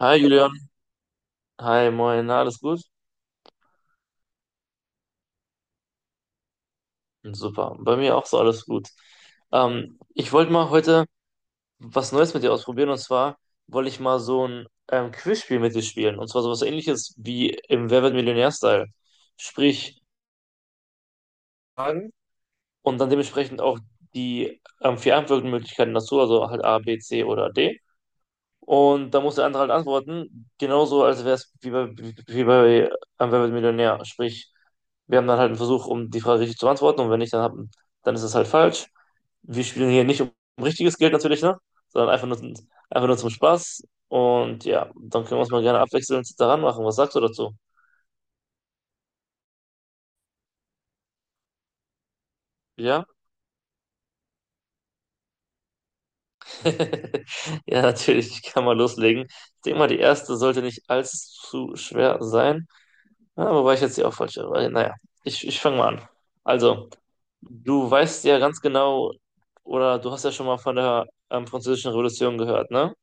Hi Julian, hi moin, na, alles gut? Super, bei mir auch so alles gut. Ich wollte mal heute was Neues mit dir ausprobieren, und zwar wollte ich mal so ein Quizspiel mit dir spielen, und zwar sowas Ähnliches wie im Wer wird Millionär-Style. Sprich, Fragen, und dann dementsprechend auch die vier Antwortmöglichkeiten dazu, also halt A, B, C oder D. Und da muss der andere halt antworten, genauso als wäre es wie bei Wer wird Millionär. Sprich, wir haben dann halt einen Versuch, um die Frage richtig zu beantworten, und wenn nicht, dann ist es halt falsch. Wir spielen hier nicht um richtiges Geld natürlich, ne? Sondern einfach nur zum Spaß. Und ja, dann können wir uns mal gerne abwechselnd daran machen. Was sagst du dazu? Ja? Ja, natürlich, ich kann mal loslegen. Ich denke mal, die erste sollte nicht allzu schwer sein. Ja, aber war ich jetzt hier auch falsch. Aber naja, ich fange mal an. Also, du weißt ja ganz genau, oder du hast ja schon mal von der Französischen Revolution gehört, ne?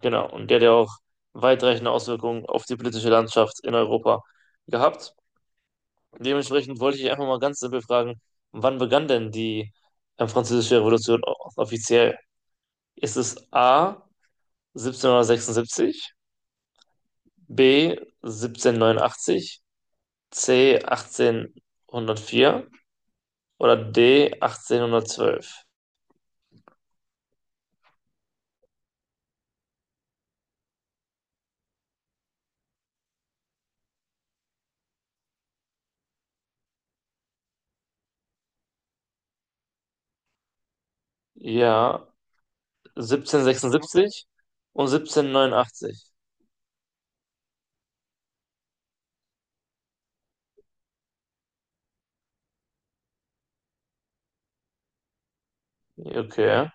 Genau. Und der hat ja auch weitreichende Auswirkungen auf die politische Landschaft in Europa gehabt. Dementsprechend wollte ich einfach mal ganz simpel fragen, wann begann denn die Französische Revolution offiziell? Ist es A 1776, B 1789, C 1804 oder D, 1812? Ja, 1776 und 1789. Okay.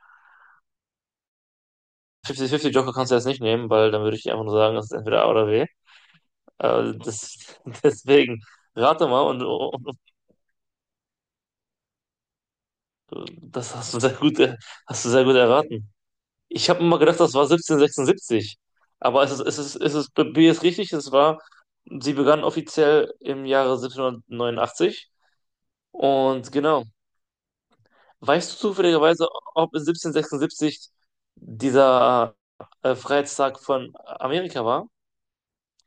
50-50 Joker kannst du jetzt nicht nehmen, weil dann würde ich dir einfach nur sagen, das ist entweder A oder B. Äh, das, Deswegen rate mal, und das hast du sehr gut, hast du sehr gut erraten. Ich habe immer gedacht, das war 1776. Aber es ist, B ist richtig, sie begann offiziell im Jahre 1789. Und genau. Weißt du zufälligerweise, ob in 1776 dieser Freiheitstag von Amerika war?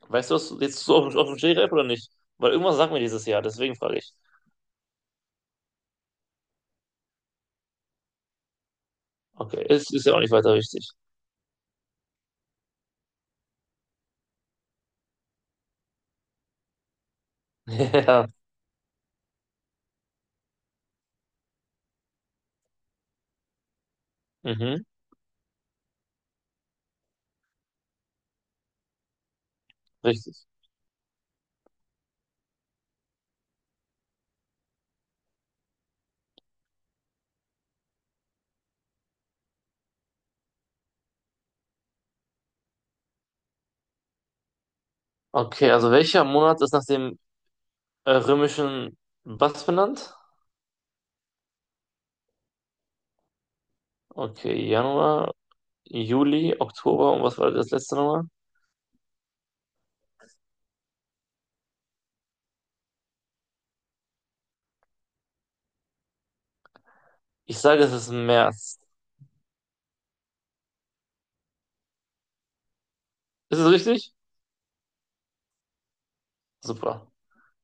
Weißt du das jetzt so auf dem Stegreif oder nicht? Weil irgendwas sagt mir dieses Jahr, deswegen frage ich. Okay, ist ja auch nicht weiter wichtig. Ja, mhm, richtig. Okay, also welcher Monat ist nach dem römischen was benannt? Okay, Januar, Juli, Oktober und was war das letzte nochmal? Ich sage, es ist März. Ist es richtig? Super.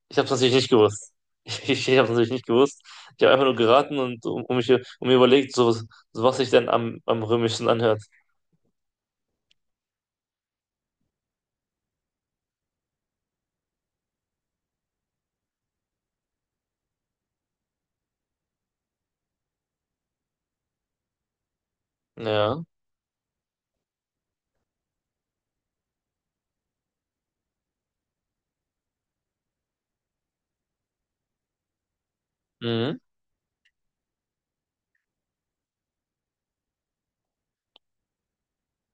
Ich habe es natürlich nicht gewusst. Ich habe es natürlich nicht gewusst. Ich habe einfach nur geraten und um, um mich um mir überlegt, so was sich denn am römischsten anhört. Ja. Mhm.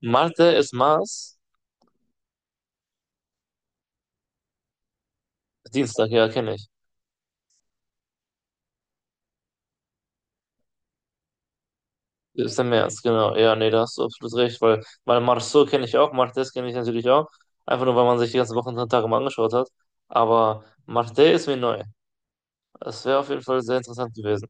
Marte ist Mars. Dienstag, ja, kenne ich. Ist der März, genau. Ja, nee, da hast du absolut recht, weil Marceau kenne ich auch, Martes kenne ich natürlich auch. Einfach nur, weil man sich die ganzen Wochen und Tage mal angeschaut hat. Aber Marte ist mir neu. Das wäre auf jeden Fall sehr interessant gewesen.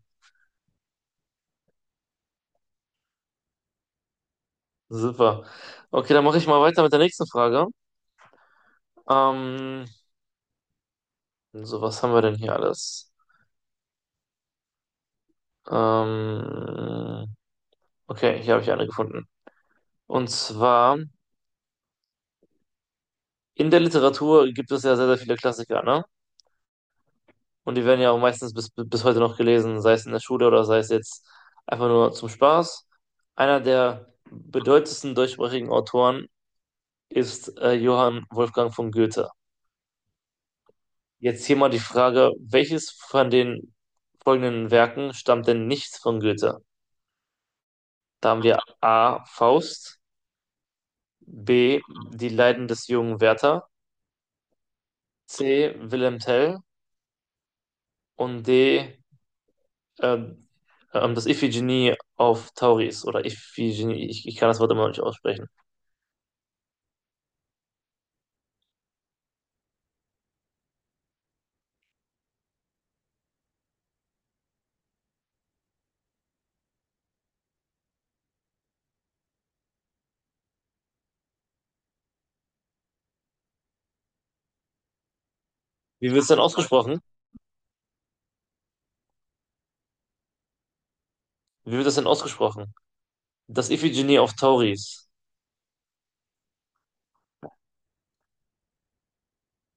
Super. Okay, dann mache ich mal weiter mit der nächsten Frage. Ähm, so, was haben wir denn hier alles? Ähm, okay, hier habe ich eine gefunden. Und zwar, in der Literatur gibt es ja sehr, sehr viele Klassiker, ne? Und die werden ja auch meistens bis heute noch gelesen, sei es in der Schule oder sei es jetzt einfach nur zum Spaß. Einer der bedeutendsten deutschsprachigen Autoren ist Johann Wolfgang von Goethe. Jetzt hier mal die Frage, welches von den folgenden Werken stammt denn nicht von Goethe? Da haben wir A. Faust, B. Die Leiden des jungen Werther, C. Wilhelm Tell und D. ähm, das Iphigenie auf Tauris oder Iphigenie, ich kann das Wort immer noch nicht aussprechen. Wie wird es denn ausgesprochen? Wie wird das denn ausgesprochen? Das Iphigenie auf Tauris.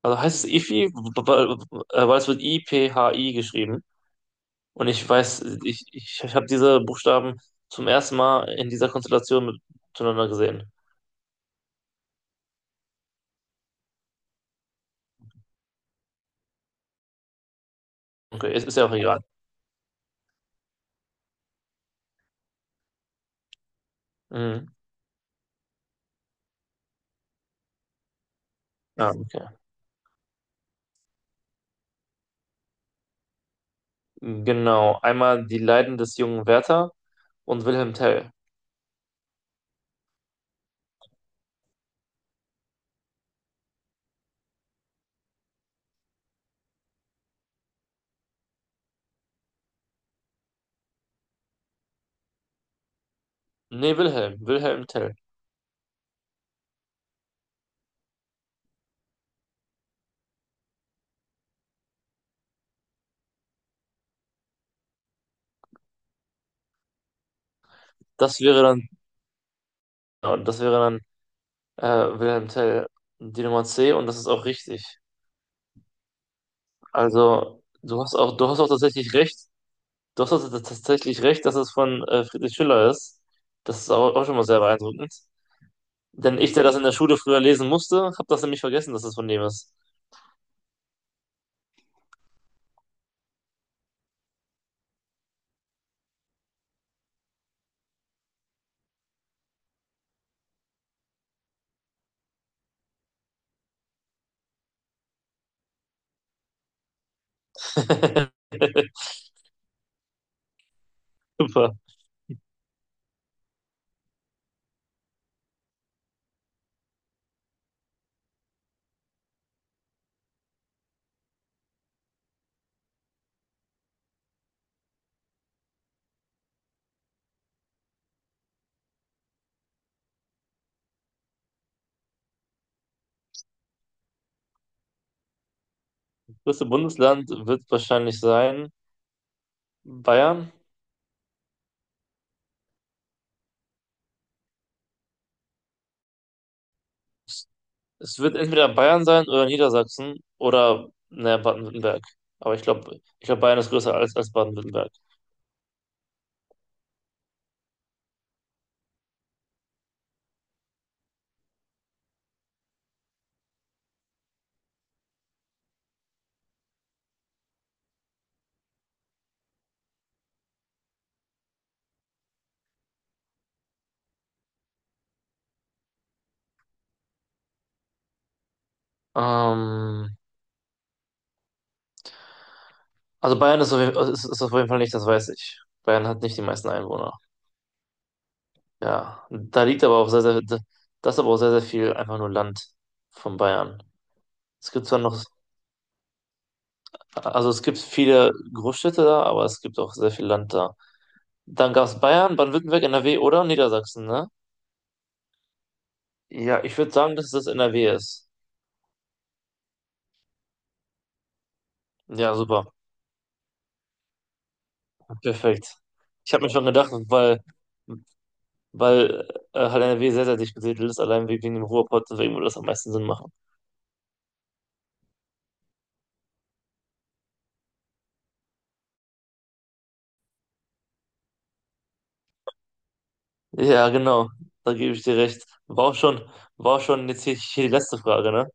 Also heißt es Iphi, weil es wird I-P-H-I geschrieben. Und ich weiß, ich habe diese Buchstaben zum ersten Mal in dieser Konstellation miteinander gesehen. Okay, ist ja auch egal. Mhm. Ja, okay. Genau. Einmal die Leiden des jungen Werther und Wilhelm Tell. Nee, Wilhelm, Wilhelm Tell. Das wäre dann, ja, das wäre dann Wilhelm Tell, die Nummer C, und das ist auch richtig. Also, du hast auch tatsächlich recht, du hast auch tatsächlich recht, dass es von Friedrich Schiller ist. Das ist auch schon mal sehr beeindruckend. Denn ich, der das in der Schule früher lesen musste, habe das nämlich vergessen, dass es von dem ist. Super. Das größte Bundesland wird wahrscheinlich sein Bayern. Es wird entweder Bayern sein oder Niedersachsen oder ne, Baden-Württemberg. Aber ich glaube, Bayern ist größer als Baden-Württemberg. Ähm, also Bayern ist auf jeden Fall nicht, das weiß ich. Bayern hat nicht die meisten Einwohner. Ja, da liegt aber auch sehr, sehr, das ist aber auch sehr, sehr viel einfach nur Land von Bayern. Es gibt zwar noch, also es gibt viele Großstädte da, aber es gibt auch sehr viel Land da. Dann gab es Bayern, Baden-Württemberg, NRW oder Niedersachsen, ne? Ja, ich würde sagen, dass das NRW ist. Ja, super. Perfekt. Ich habe mir schon gedacht, weil halt NRW sehr, sehr dicht besiedelt ist, allein wegen dem Ruhrpott, deswegen würde das am meisten Sinn machen. Ja, genau, da gebe ich dir recht. War auch schon jetzt hier die letzte Frage, ne?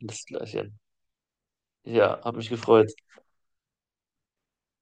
Das Gleiche. Ja, hat mich gefreut.